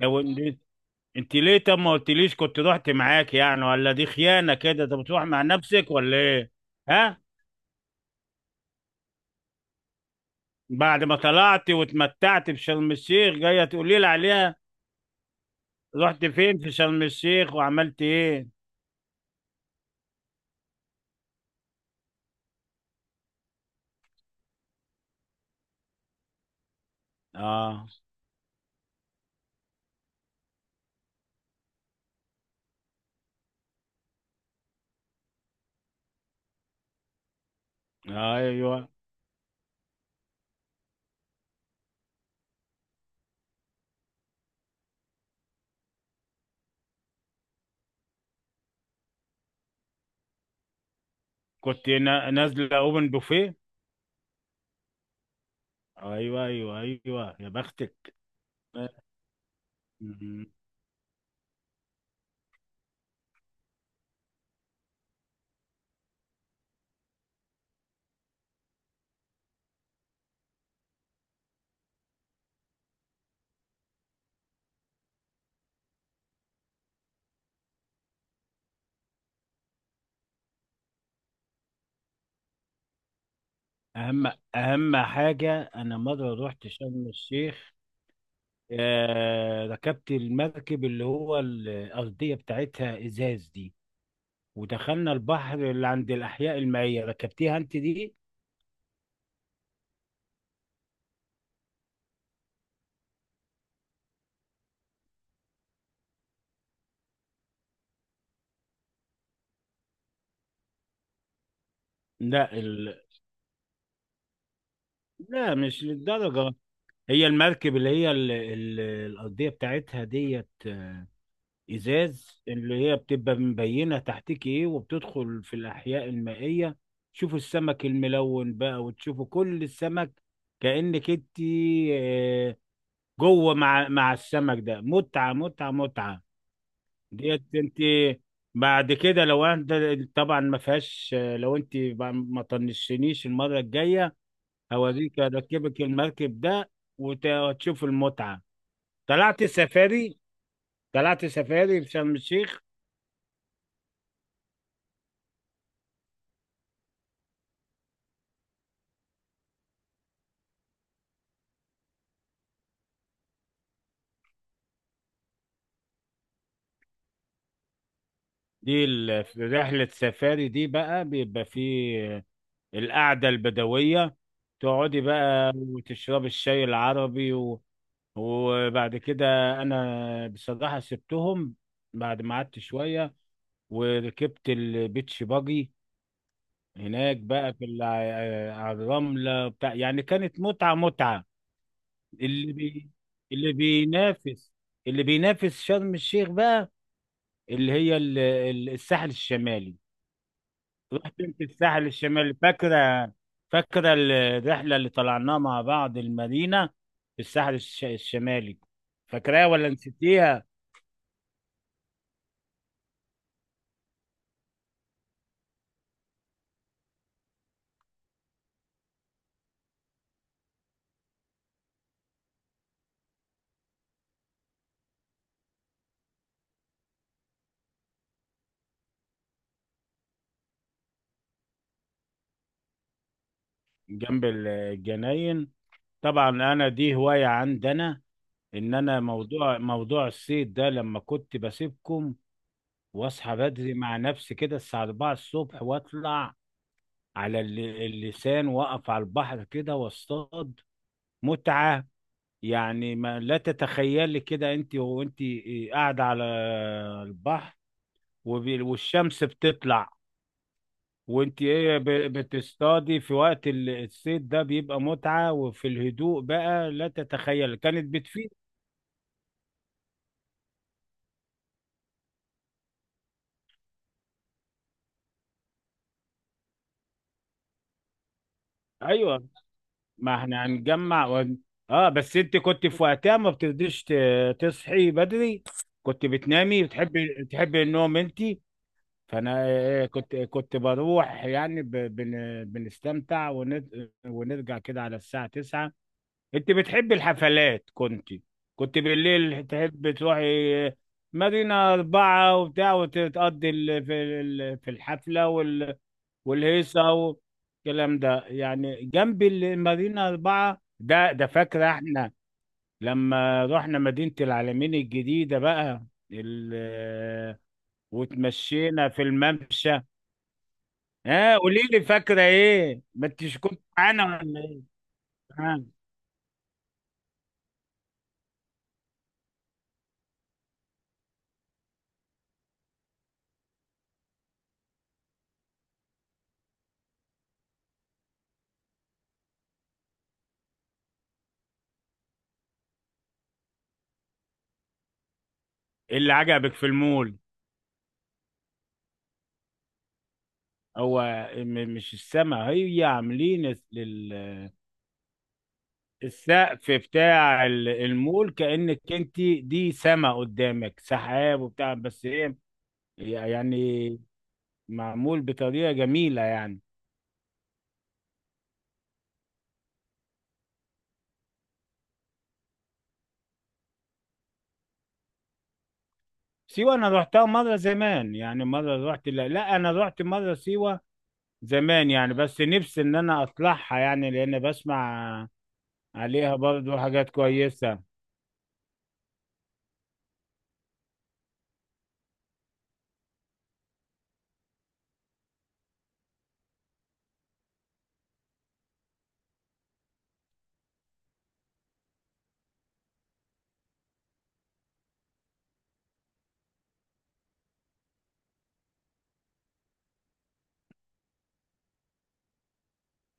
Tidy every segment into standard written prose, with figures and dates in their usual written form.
لو إن- انت ليه، طب ما قلتليش كنت رحت معاك يعني؟ ولا دي خيانة كده، انت بتروح مع نفسك ولا ايه؟ ها. بعد ما طلعت واتمتعت في شرم الشيخ جاية تقولي لي عليها؟ رحت فين في شرم الشيخ وعملت ايه؟ اه. ايوه. كنت نازلة اوبن بوفيه. ايوه ايوه ايوه يا بختك. م- م- اهم اهم حاجة، انا مرة رحت شرم الشيخ، ركبت المركب اللي هو الأرضية بتاعتها إزاز دي، ودخلنا البحر اللي عند الأحياء المائية. ركبتيها أنت دي؟ لا. لا، مش للدرجة. هي المركب اللي هي الأرضية بتاعتها ديت، إزاز، اللي هي بتبقى مبينة تحتك إيه وبتدخل في الأحياء المائية، تشوفوا السمك الملون بقى وتشوفوا كل السمك، كأنك أنت آه، جوه مع السمك ده. متعة متعة متعة ديت انت. بعد كده لو انت، طبعا ما فيهاش، لو انت بقى ما طنشتنيش المره الجايه، هوريك اركبك المركب ده وتشوف المتعه. طلعت سفاري، طلعت سفاري في شرم الشيخ. دي في رحله سفاري دي بقى بيبقى فيه القعده البدويه، تقعدي بقى وتشربي الشاي العربي وبعد كده انا بصراحه سبتهم بعد ما قعدت شويه، وركبت البيتش باجي هناك بقى في على الرملة بتاع. يعني كانت متعة متعة. اللي بي اللي بينافس اللي بينافس شرم الشيخ بقى، اللي هي الساحل الشمالي. رحت انت الساحل الشمالي؟ فاكرة؟ فاكرة الرحلة اللي طلعناها مع بعض المارينا في الساحل الشمالي؟ فاكراها ولا نسيتيها؟ جنب الجناين. طبعا انا دي هواية عندنا، ان انا موضوع الصيد ده لما كنت بسيبكم واصحى بدري مع نفسي كده الساعه 4 الصبح، واطلع على اللسان، واقف على البحر كده واصطاد. متعه، يعني ما لا تتخيلي كده، انت وانت قاعده على البحر والشمس بتطلع، وانت ايه بتصطادي في وقت الصيد ده، بيبقى متعه. وفي الهدوء بقى لا تتخيل، كانت بتفيد. أيوة. ما احنا هنجمع. اه بس انت كنت في وقتها ما بترضيش تصحي بدري، كنت بتنامي، بتحبي النوم انت. فانا كنت بروح يعني بنستمتع ونرجع كده على الساعة 9. انت بتحبي الحفلات، كنت بالليل تحب تروحي، مارينا أربعة وبتاع، وتقضي في الحفلة والهيصة والكلام ده، يعني جنب المارينا أربعة ده. فاكرة احنا لما رحنا مدينة العالمين الجديدة بقى، ال وتمشينا في الممشى؟ ها، قولي لي فاكرة ايه؟ ما انتش كنت معانا ولا ايه؟ ها. إيه اللي عجبك في المول؟ هو مش السما، هي عاملين السقف بتاع المول كأنك انت دي سما قدامك، سحاب وبتاع، بس هي يعني معمول بطريقة جميلة يعني. سيوة، أنا روحتها مرة زمان يعني، مرة روحت، لا, لا، أنا روحت مرة سيوة زمان يعني. بس نفسي إن أنا أطلعها، يعني لأن بسمع عليها برضو حاجات كويسة.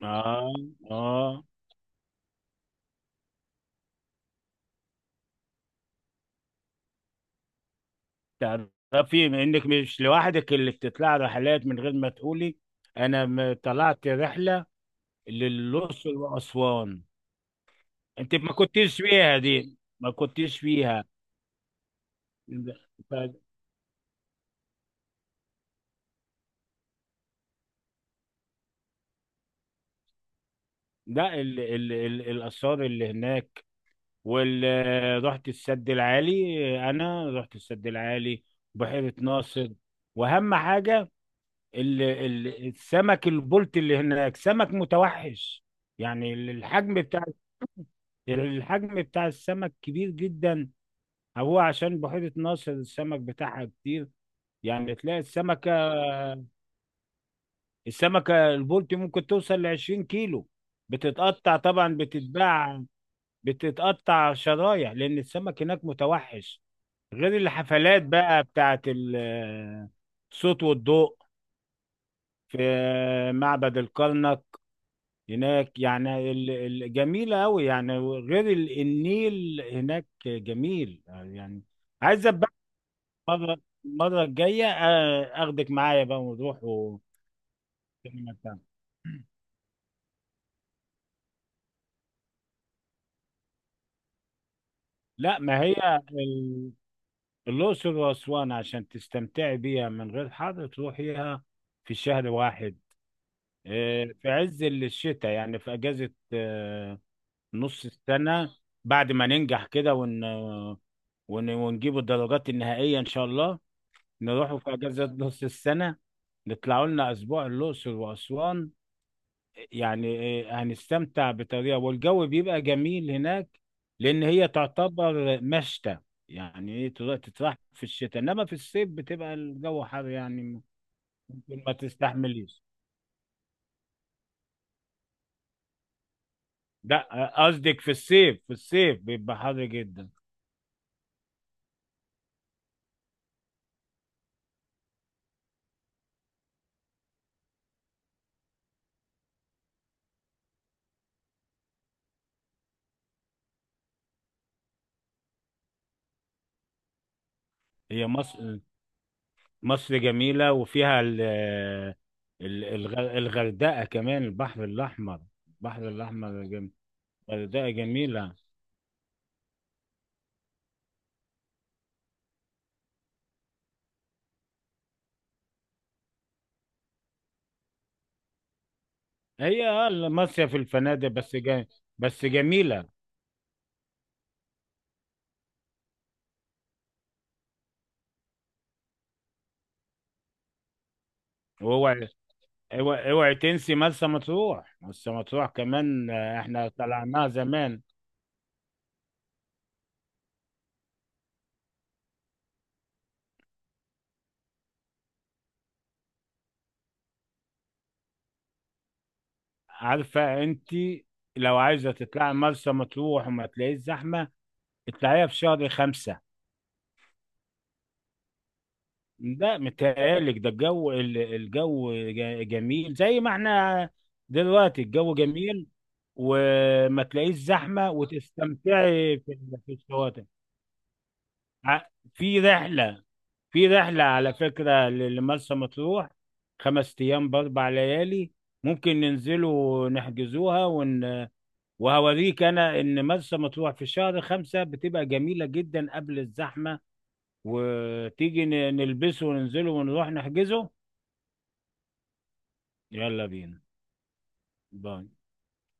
آه. آه. تعرفي إنك مش لوحدك اللي بتطلع رحلات من غير ما تقولي؟ أنا طلعت رحلة للأقصر وأسوان. أنت ما كنتيش فيها دي، ما كنتيش فيها. لا، ال ال ال الآثار اللي هناك، رحت السد العالي. أنا رحت السد العالي، بحيرة ناصر. وأهم حاجة، ال ال السمك البلطي اللي هناك، سمك متوحش. يعني الحجم بتاع السمك كبير جدا. هو عشان بحيرة ناصر السمك بتاعها كتير. يعني تلاقي السمكة البلطي ممكن توصل ل 20 كيلو. بتتقطع طبعا بتتباع، بتتقطع شرايح لان السمك هناك متوحش. غير الحفلات بقى بتاعت الصوت والضوء في معبد الكرنك هناك، يعني جميلة أوي. يعني غير النيل هناك جميل يعني. عايز بقى مرة، المرة الجاية، أخدك معايا بقى ونروح. لا، ما هي ال- الأقصر وأسوان عشان تستمتعي بيها من غير حر تروحيها في شهر واحد، في عز الشتاء يعني، في أجازة نص السنة. بعد ما ننجح كده ونجيب الدرجات النهائية إن شاء الله، نروحوا في أجازة نص السنة، نطلعوا لنا أسبوع الأقصر وأسوان يعني. هنستمتع بطريقة، والجو بيبقى جميل هناك لأن هي تعتبر مشتى. يعني إيه، تتراح في الشتاء، إنما في الصيف بتبقى الجو حر يعني، ممكن ما تستحمليش. لا، قصدك في الصيف، بيبقى حر جدا. هي مصر، مصر جميلة وفيها الغردقة كمان، البحر الأحمر. البحر الأحمر جميل، الغردقة جميلة. هي آه المصيف في الفنادق بس بس جميلة. واوعي، اوعي اوعي تنسي مرسى مطروح، مرسى مطروح كمان، احنا طلعناها زمان. عارفة انت، لو عايزة تطلعي مرسى مطروح وما تلاقيش زحمة، اطلعيها في شهر خمسة. لا متهيألك، ده الجو، جميل زي ما احنا دلوقتي الجو جميل، وما تلاقيش زحمة وتستمتعي في في الشواطئ. ع- في رحلة في رحلة على فكرة لمرسى مطروح، خمس أيام بأربع ليالي، ممكن ننزلوا نحجزوها وهوريك أنا إن مرسى مطروح في شهر خمسة بتبقى جميلة جدا قبل الزحمة. وتيجي نلبسه وننزله ونروح نحجزه. يلا بينا. باي.